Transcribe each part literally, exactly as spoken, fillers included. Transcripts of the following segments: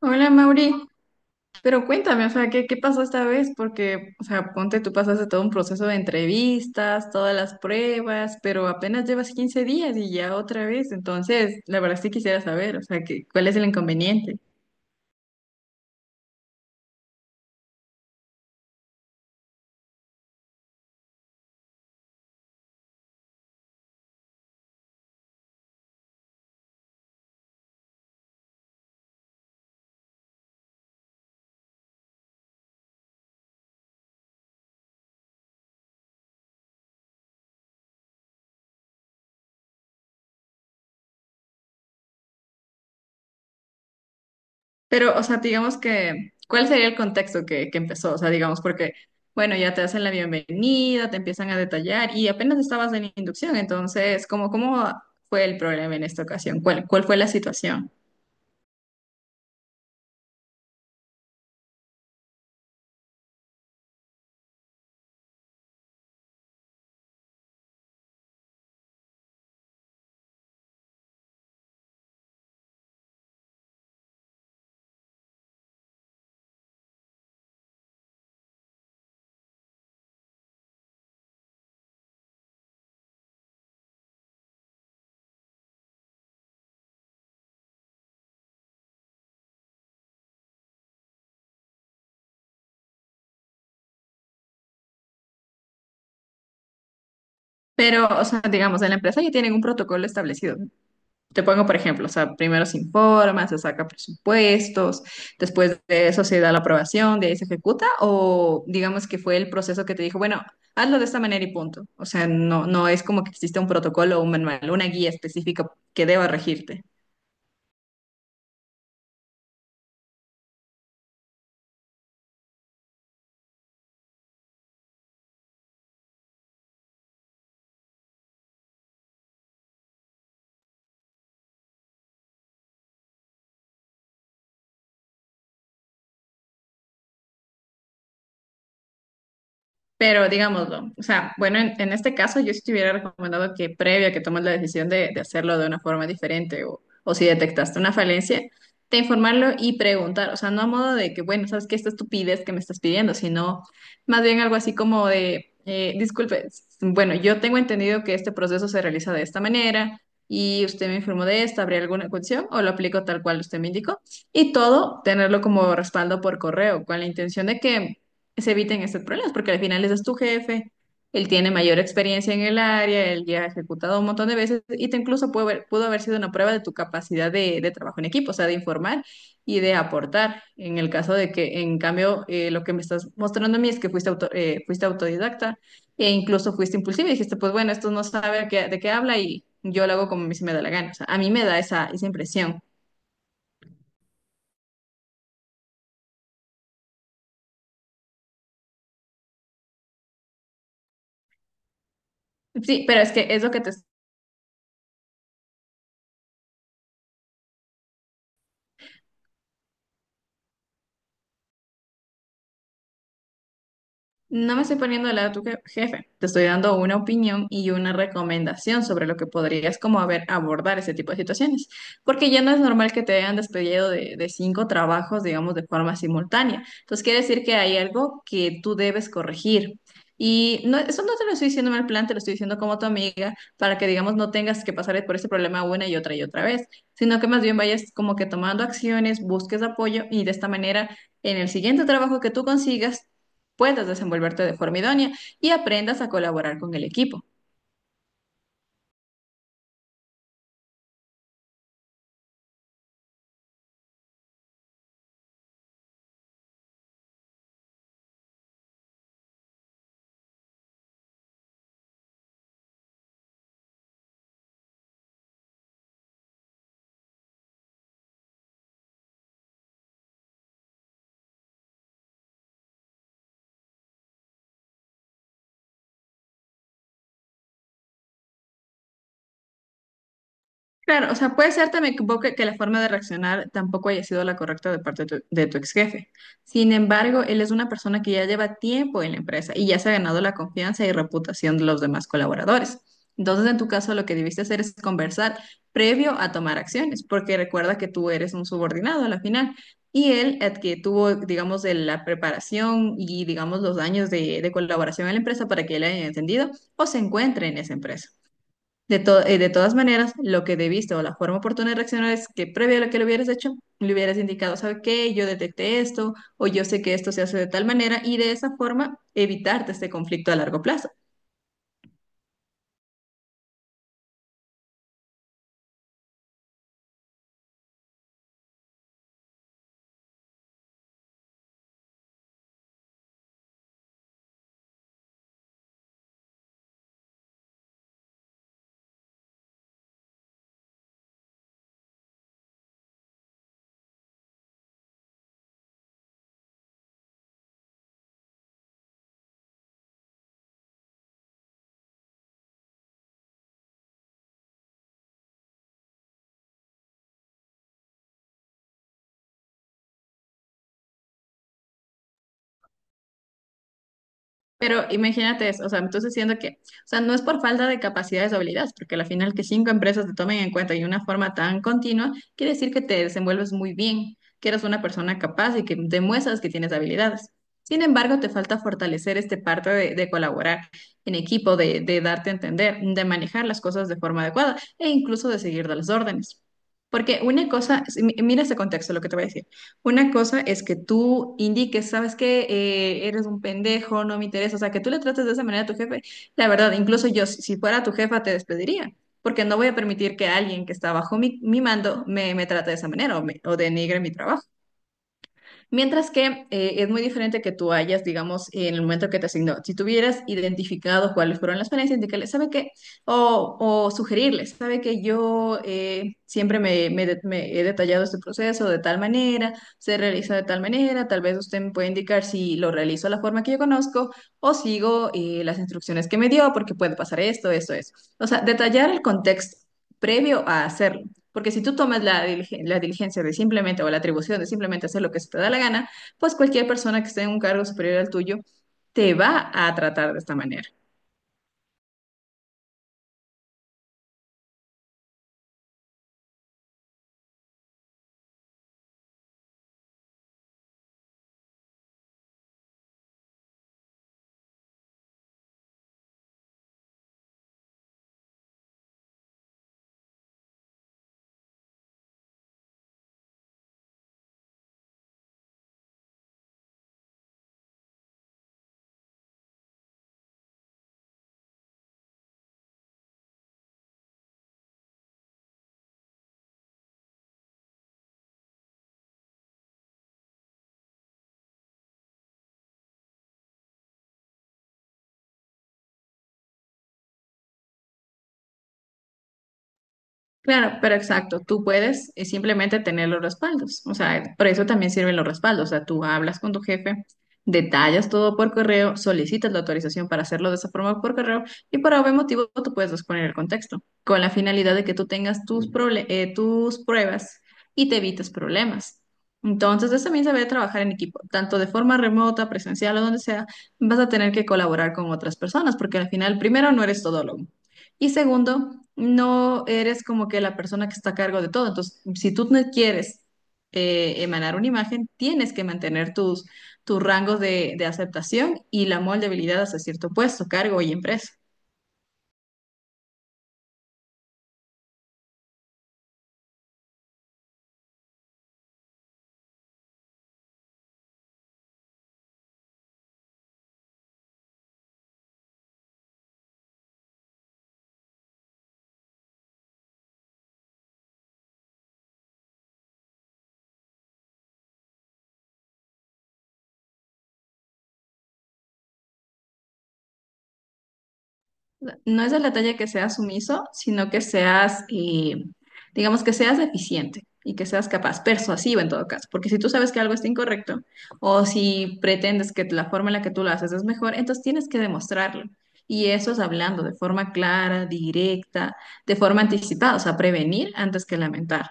Hola Mauri, pero cuéntame, o sea, ¿qué, qué pasó esta vez? Porque, o sea, ponte, tú pasaste todo un proceso de entrevistas, todas las pruebas, pero apenas llevas quince días y ya otra vez, entonces, la verdad sí quisiera saber, o sea, que, ¿cuál es el inconveniente? Pero, o sea, digamos que, ¿cuál sería el contexto que, que empezó? O sea, digamos, porque, bueno, ya te hacen la bienvenida, te empiezan a detallar y apenas estabas en inducción, entonces, ¿cómo, cómo fue el problema en esta ocasión? ¿Cuál, cuál fue la situación? Pero, o sea, digamos, en la empresa ya tienen un protocolo establecido. Te pongo, por ejemplo, o sea, primero se informa, se saca presupuestos, después de eso se da la aprobación, de ahí se ejecuta, o digamos que fue el proceso que te dijo, bueno, hazlo de esta manera y punto. O sea, no, no es como que existe un protocolo o un manual, una guía específica que deba regirte. Pero digámoslo, o sea, bueno, en, en este caso yo sí te hubiera recomendado que previo a que tomes la decisión de, de hacerlo de una forma diferente o, o si detectaste una falencia, te informarlo y preguntar, o sea, no a modo de que, bueno, sabes que esta estupidez que me estás pidiendo, sino más bien algo así como de, eh, disculpe, s- bueno, yo tengo entendido que este proceso se realiza de esta manera y usted me informó de esta, ¿habría alguna cuestión o lo aplico tal cual usted me indicó? Y todo tenerlo como respaldo por correo, con la intención de que se eviten estos problemas, porque al final ese es tu jefe, él tiene mayor experiencia en el área, él ya ha ejecutado un montón de veces y te incluso pudo haber, pudo haber sido una prueba de tu capacidad de, de trabajo en equipo, o sea, de informar y de aportar. En el caso de que, en cambio, eh, lo que me estás mostrando a mí es que fuiste, auto- eh, fuiste autodidacta e incluso fuiste impulsiva y dijiste, pues bueno, esto no sabe a qué- de qué habla y yo lo hago como a mí se me da la gana. O sea, a mí me da esa, esa impresión. Sí, pero es que es lo que te No me estoy poniendo del lado de tu je- jefe, te estoy dando una opinión y una recomendación sobre lo que podrías como haber abordar ese tipo de situaciones, porque ya no es normal que te hayan despedido de, de cinco trabajos, digamos, de forma simultánea. Entonces quiere decir que hay algo que tú debes corregir. Y no, eso no te lo estoy diciendo en mal plan, te lo estoy diciendo como tu amiga, para que, digamos, no tengas que pasar por ese problema una y otra y otra vez, sino que más bien vayas como que tomando acciones, busques apoyo y de esta manera... En el siguiente trabajo que tú consigas, puedas desenvolverte de forma idónea y aprendas a colaborar con el equipo. Claro, o sea, puede ser también que, vos que- que la forma de reaccionar tampoco haya sido la correcta de parte de tu, de tu ex jefe. Sin embargo, él es una persona que ya lleva tiempo en la empresa y ya se ha ganado la confianza y reputación de los demás colaboradores. Entonces, en tu caso, lo que debiste hacer es conversar previo a tomar acciones, porque recuerda que tú eres un subordinado a la final y él, el que tuvo, digamos, de la preparación y, digamos, los años de, de colaboración en la empresa para que él haya entendido o se encuentre en esa empresa. De, to- eh, de todas maneras, lo que debiste o la forma oportuna de reaccionar es que previo a lo que lo hubieras hecho, le hubieras indicado, ¿sabe qué? Yo detecté esto o yo sé que esto se hace de tal manera y de esa forma evitarte este conflicto a largo plazo. Pero imagínate eso, o sea, entonces siendo que, o sea, no es por falta de capacidades o habilidades, porque al final que cinco empresas te tomen en cuenta y de una forma tan continua, quiere decir que te desenvuelves muy bien, que eres una persona capaz y que demuestras que tienes habilidades. Sin embargo, te falta fortalecer este parte de, de colaborar en equipo, de, de darte a entender, de manejar las cosas de forma adecuada e incluso de seguir las órdenes. Porque una cosa, mi- mira ese contexto, lo que te voy a decir. Una cosa es que tú indiques, sabes que eres un pendejo, no me interesa, o sea, que tú le trates de esa manera a tu jefe. La verdad, incluso yo, si si fuera tu jefa, te despediría, porque no voy a permitir que alguien que está bajo mi, mi mando me, me trate de esa manera o, me- o denigre mi trabajo. Mientras que eh, es muy diferente que tú hayas, digamos, en el momento que te asignó, si tuvieras identificado cuáles fueron las falencias, indicarles, ¿sabe qué? O, o sugerirles, ¿sabe que yo eh, siempre me, me de- me he detallado este proceso de tal manera, se realiza de tal manera, tal vez usted me puede indicar si lo realizo de la forma que yo conozco o sigo eh, las instrucciones que me dio, porque puede pasar esto, esto, eso. O sea, detallar el contexto previo a hacerlo. Porque si tú tomas la, dilige- la diligencia de simplemente o la atribución de simplemente hacer lo que se te da la gana, pues cualquier persona que esté en un cargo superior al tuyo te va a tratar de esta manera. Claro, pero exacto, tú puedes eh, simplemente tener los respaldos, o sea, por eso también sirven los respaldos, o sea, tú hablas con tu jefe, detallas todo por correo, solicitas la autorización para hacerlo de esa forma por correo y por algún motivo tú puedes exponer el contexto, con la finalidad de que tú tengas tus, proble- eh, tus pruebas y te evites problemas. Entonces, eso también se ve trabajar en equipo, tanto de forma remota, presencial o donde sea, vas a tener que colaborar con otras personas, porque al final, primero, no eres todo y segundo, no eres como que la persona que está a cargo de todo. Entonces, si tú no quieres eh, emanar una imagen, tienes que mantener tus, tus rangos de, de aceptación y la moldeabilidad hasta cierto puesto, cargo y empresa. No es de la talla que seas sumiso, sino que seas, eh, digamos, que seas eficiente y que seas capaz, persuasivo en todo caso, porque si tú sabes que algo está incorrecto o si pretendes que la forma en la que tú lo haces es mejor, entonces tienes que demostrarlo. Y eso es hablando de forma clara, directa, de forma anticipada, o sea, prevenir antes que lamentar.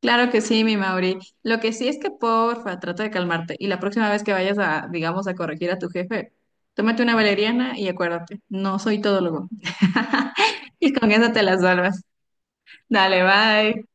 Claro que sí, mi Mauri. Lo que sí es que porfa, trata de calmarte. Y la próxima vez que vayas a, digamos, a corregir a tu jefe, tómate una valeriana y acuérdate, no soy todólogo. Y con eso te las salvas. Dale, bye.